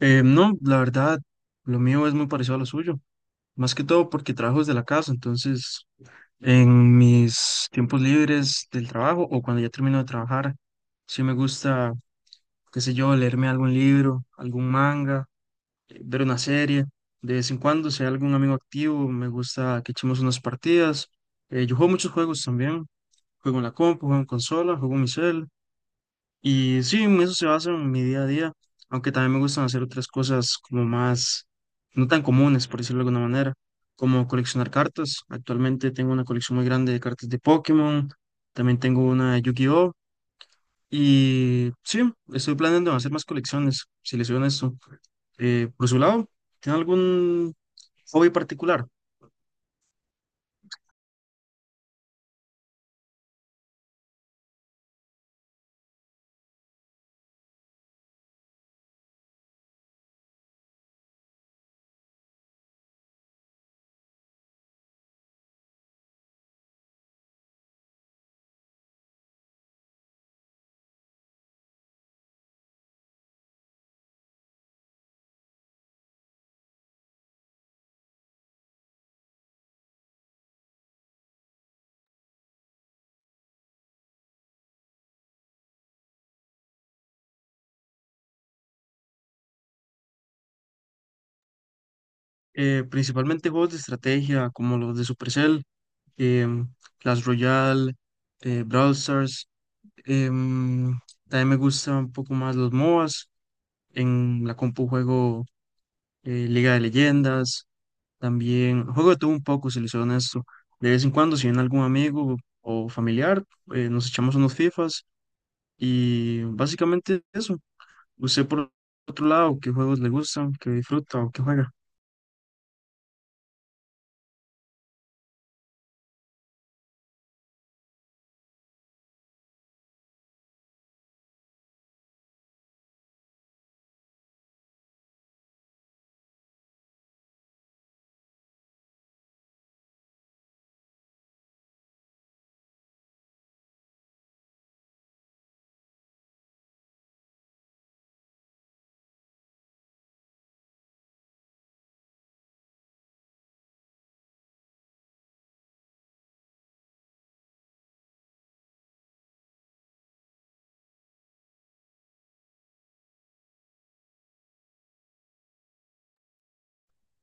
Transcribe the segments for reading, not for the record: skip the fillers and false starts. No, la verdad, lo mío es muy parecido a lo suyo, más que todo porque trabajo desde la casa, entonces en mis tiempos libres del trabajo o cuando ya termino de trabajar, sí me gusta, qué sé yo, leerme algún libro, algún manga, ver una serie. De vez en cuando, si hay algún amigo activo, me gusta que echemos unas partidas. Yo juego muchos juegos también, juego en la compu, juego en consola, juego en mi cel. Y sí, en eso se basa en mi día a día, aunque también me gustan hacer otras cosas como más, no tan comunes, por decirlo de alguna manera, como coleccionar cartas. Actualmente tengo una colección muy grande de cartas de Pokémon, también tengo una de Yu-Gi-Oh! Y sí, estoy planeando hacer más colecciones, si les soy honesto. Por su lado, ¿tiene algún hobby particular? Principalmente juegos de estrategia, como los de Supercell, em, Clash Royale, Brawl Stars. Em, También me gustan un poco más los MOBAs. En la compu juego Liga de Leyendas. También juego de todo un poco, si les soy honesto. De vez en cuando, si viene algún amigo o familiar, nos echamos unos FIFAs y básicamente eso. ¿Usted por otro lado qué juegos le gustan, qué disfruta o qué juega?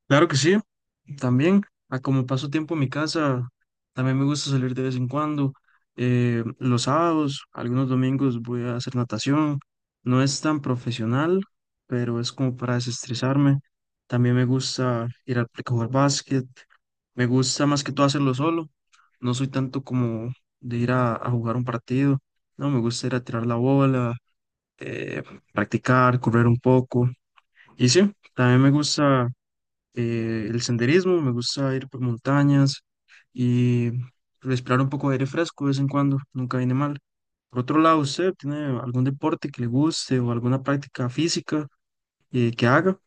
Claro que sí, también, a como paso tiempo en mi casa, también me gusta salir de vez en cuando. Los sábados, algunos domingos voy a hacer natación. No es tan profesional, pero es como para desestresarme. También me gusta ir al parque a jugar básquet. Me gusta más que todo hacerlo solo. No soy tanto como de ir a jugar un partido. No, me gusta ir a tirar la bola, eh, practicar, correr un poco. Y sí, también me gusta el senderismo, me gusta ir por montañas y respirar un poco de aire fresco de vez en cuando, nunca viene mal. Por otro lado, ¿usted tiene algún deporte que le guste o alguna práctica física que haga?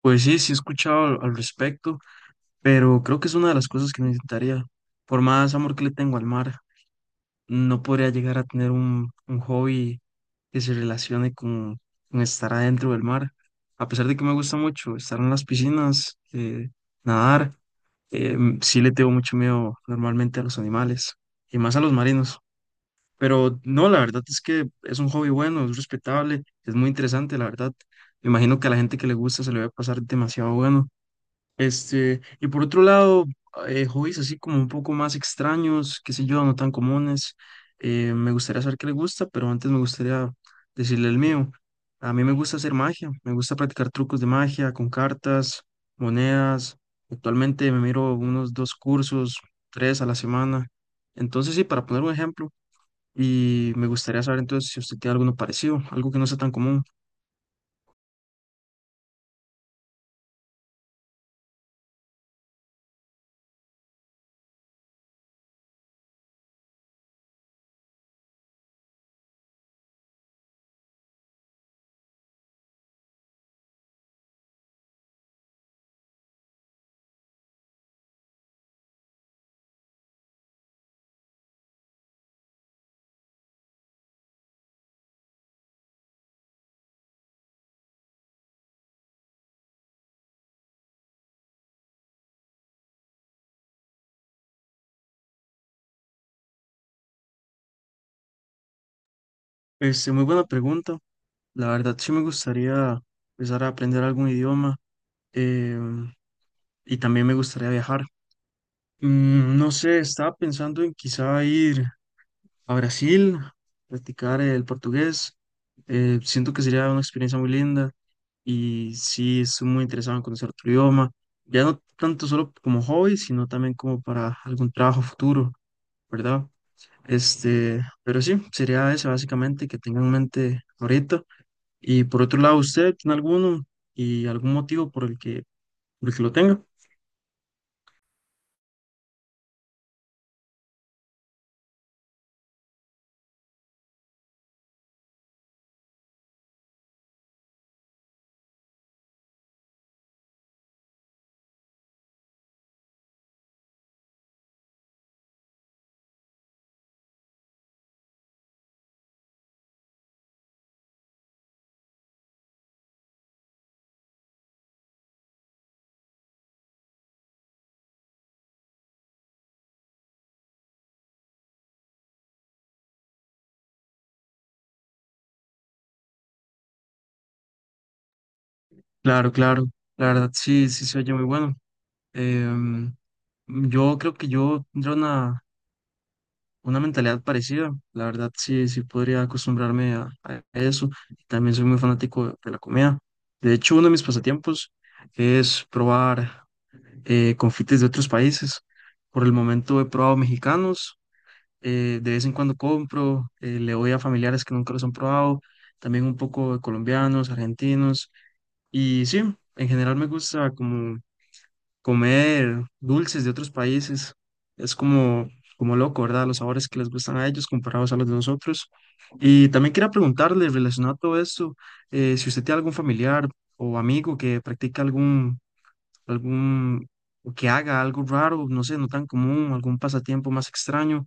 Pues sí, sí he escuchado al respecto, pero creo que es una de las cosas que necesitaría. Por más amor que le tengo al mar, no podría llegar a tener un hobby que se relacione con estar adentro del mar. A pesar de que me gusta mucho estar en las piscinas, nadar. Sí le tengo mucho miedo normalmente a los animales y más a los marinos. Pero no, la verdad es que es un hobby bueno, es respetable, es muy interesante, la verdad. Me imagino que a la gente que le gusta se le va a pasar demasiado bueno. Este, y por otro lado, hobbies así como un poco más extraños, qué sé yo, no tan comunes. Me gustaría saber qué le gusta, pero antes me gustaría decirle el mío. A mí me gusta hacer magia, me gusta practicar trucos de magia con cartas, monedas. Actualmente me miro unos dos cursos, tres a la semana. Entonces, sí, para poner un ejemplo, y me gustaría saber entonces si usted tiene alguno parecido, algo que no sea tan común. Este, muy buena pregunta. La verdad, sí me gustaría empezar a aprender algún idioma eh, y también me gustaría viajar. Mm, no sé, estaba pensando en quizá ir a Brasil, practicar el portugués. Siento que sería una experiencia muy linda y sí, estoy muy interesado en conocer otro idioma. Ya no tanto solo como hobby, sino también como para algún trabajo futuro, ¿verdad? Este, pero sí, sería eso básicamente que tengan en mente ahorita. Y por otro lado, ¿usted tiene alguno y algún motivo por el que lo tenga? Claro, claro. La verdad, sí, sí se oye muy bueno. Em, yo creo que yo tendría una mentalidad parecida. La verdad, sí, sí podría acostumbrarme a eso. También soy muy fanático de la comida. De hecho, uno de mis pasatiempos es probar confites de otros países. Por el momento he probado mexicanos. De vez en cuando compro, le doy a familiares que nunca los han probado. También un poco de colombianos, argentinos. Y sí, en general me gusta como comer dulces de otros países. Es como, como loco, ¿verdad? Los sabores que les gustan a ellos comparados a los de nosotros. Y también quería preguntarle, relacionado a todo esto, si usted tiene algún familiar o amigo que practica algún, algún, o que haga algo raro, no sé, no tan común, algún pasatiempo más extraño.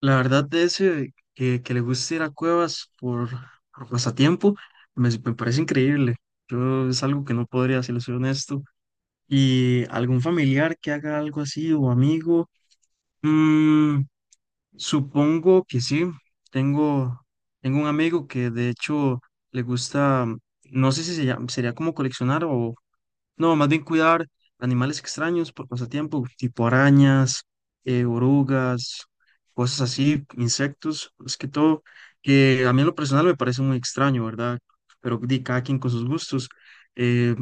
La verdad de ese que le gusta ir a cuevas por pasatiempo, me parece increíble. Yo es algo que no podría, si le soy honesto. Y algún familiar que haga algo así o amigo. Mm, supongo que sí. Tengo, Tengo un amigo que de hecho le gusta, no sé si se llama- sería como coleccionar o, no, más bien cuidar animales extraños por pasatiempo, tipo arañas, orugas, cosas así, insectos, es que todo, que a mí en lo personal me parece muy extraño, ¿verdad? Pero di cada quien con sus gustos. eh,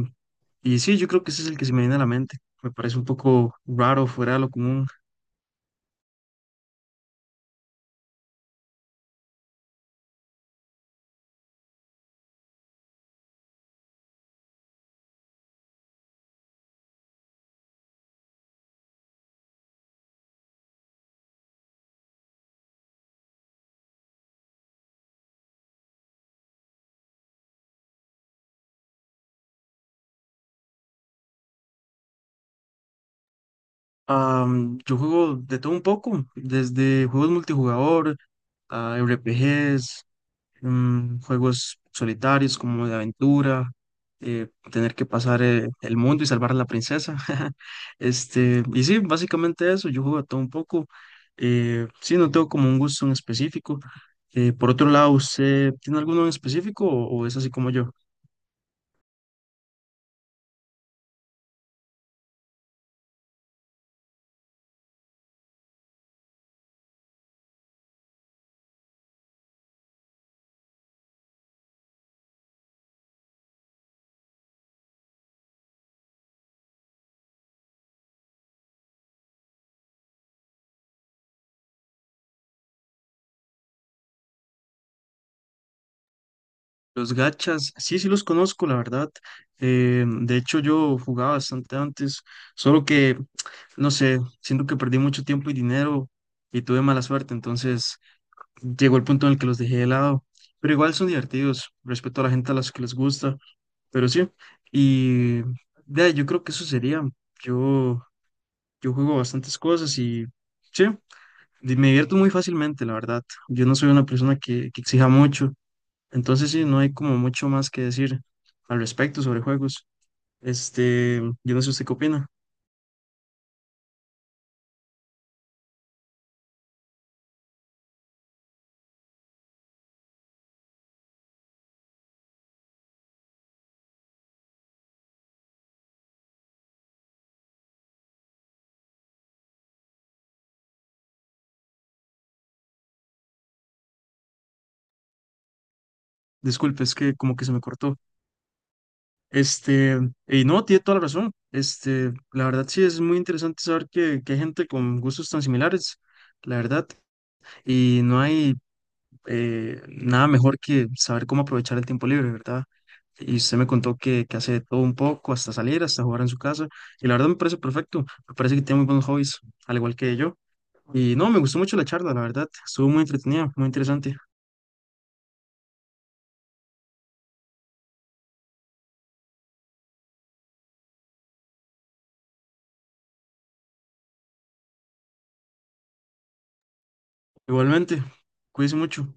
y sí, yo creo que ese es el que se me viene a la mente. Me parece un poco raro, fuera de lo común. Yo juego de todo un poco, desde juegos multijugador a RPGs, mm, juegos solitarios como de aventura, tener que pasar el mundo y salvar a la princesa. Este, y sí, básicamente eso, yo juego a todo un poco. Sí, no tengo como un gusto en específico. Por otro lado, ¿usted tiene alguno en específico o es así como yo? Los gachas, sí, sí los conozco, la verdad. De hecho, yo jugaba bastante antes, solo que, no sé, siento que perdí mucho tiempo y dinero y tuve mala suerte, entonces llegó el punto en el que los dejé de lado, pero igual son divertidos, respeto a la gente a las que les gusta, pero sí, y de ahí, yo creo que eso sería, yo, yo juego bastantes cosas y sí, di- me divierto muy fácilmente, la verdad, yo no soy una persona que exija mucho, entonces sí, no hay como mucho más que decir al respecto sobre juegos, este, yo no sé usted qué opina, disculpe, es que como que se me cortó. Este, y no, tiene toda la razón. Este, la verdad sí es muy interesante saber que hay gente con gustos tan similares, la verdad. Y no hay nada mejor que saber cómo aprovechar el tiempo libre, ¿verdad? Y usted me contó que hace de todo un poco, hasta salir, hasta jugar en su casa. Y la verdad me parece perfecto. Me parece que tiene muy buenos hobbies, al igual que yo. Y no, me gustó mucho la charla, la verdad. Estuvo muy entretenida, muy interesante. Igualmente, cuídese mucho.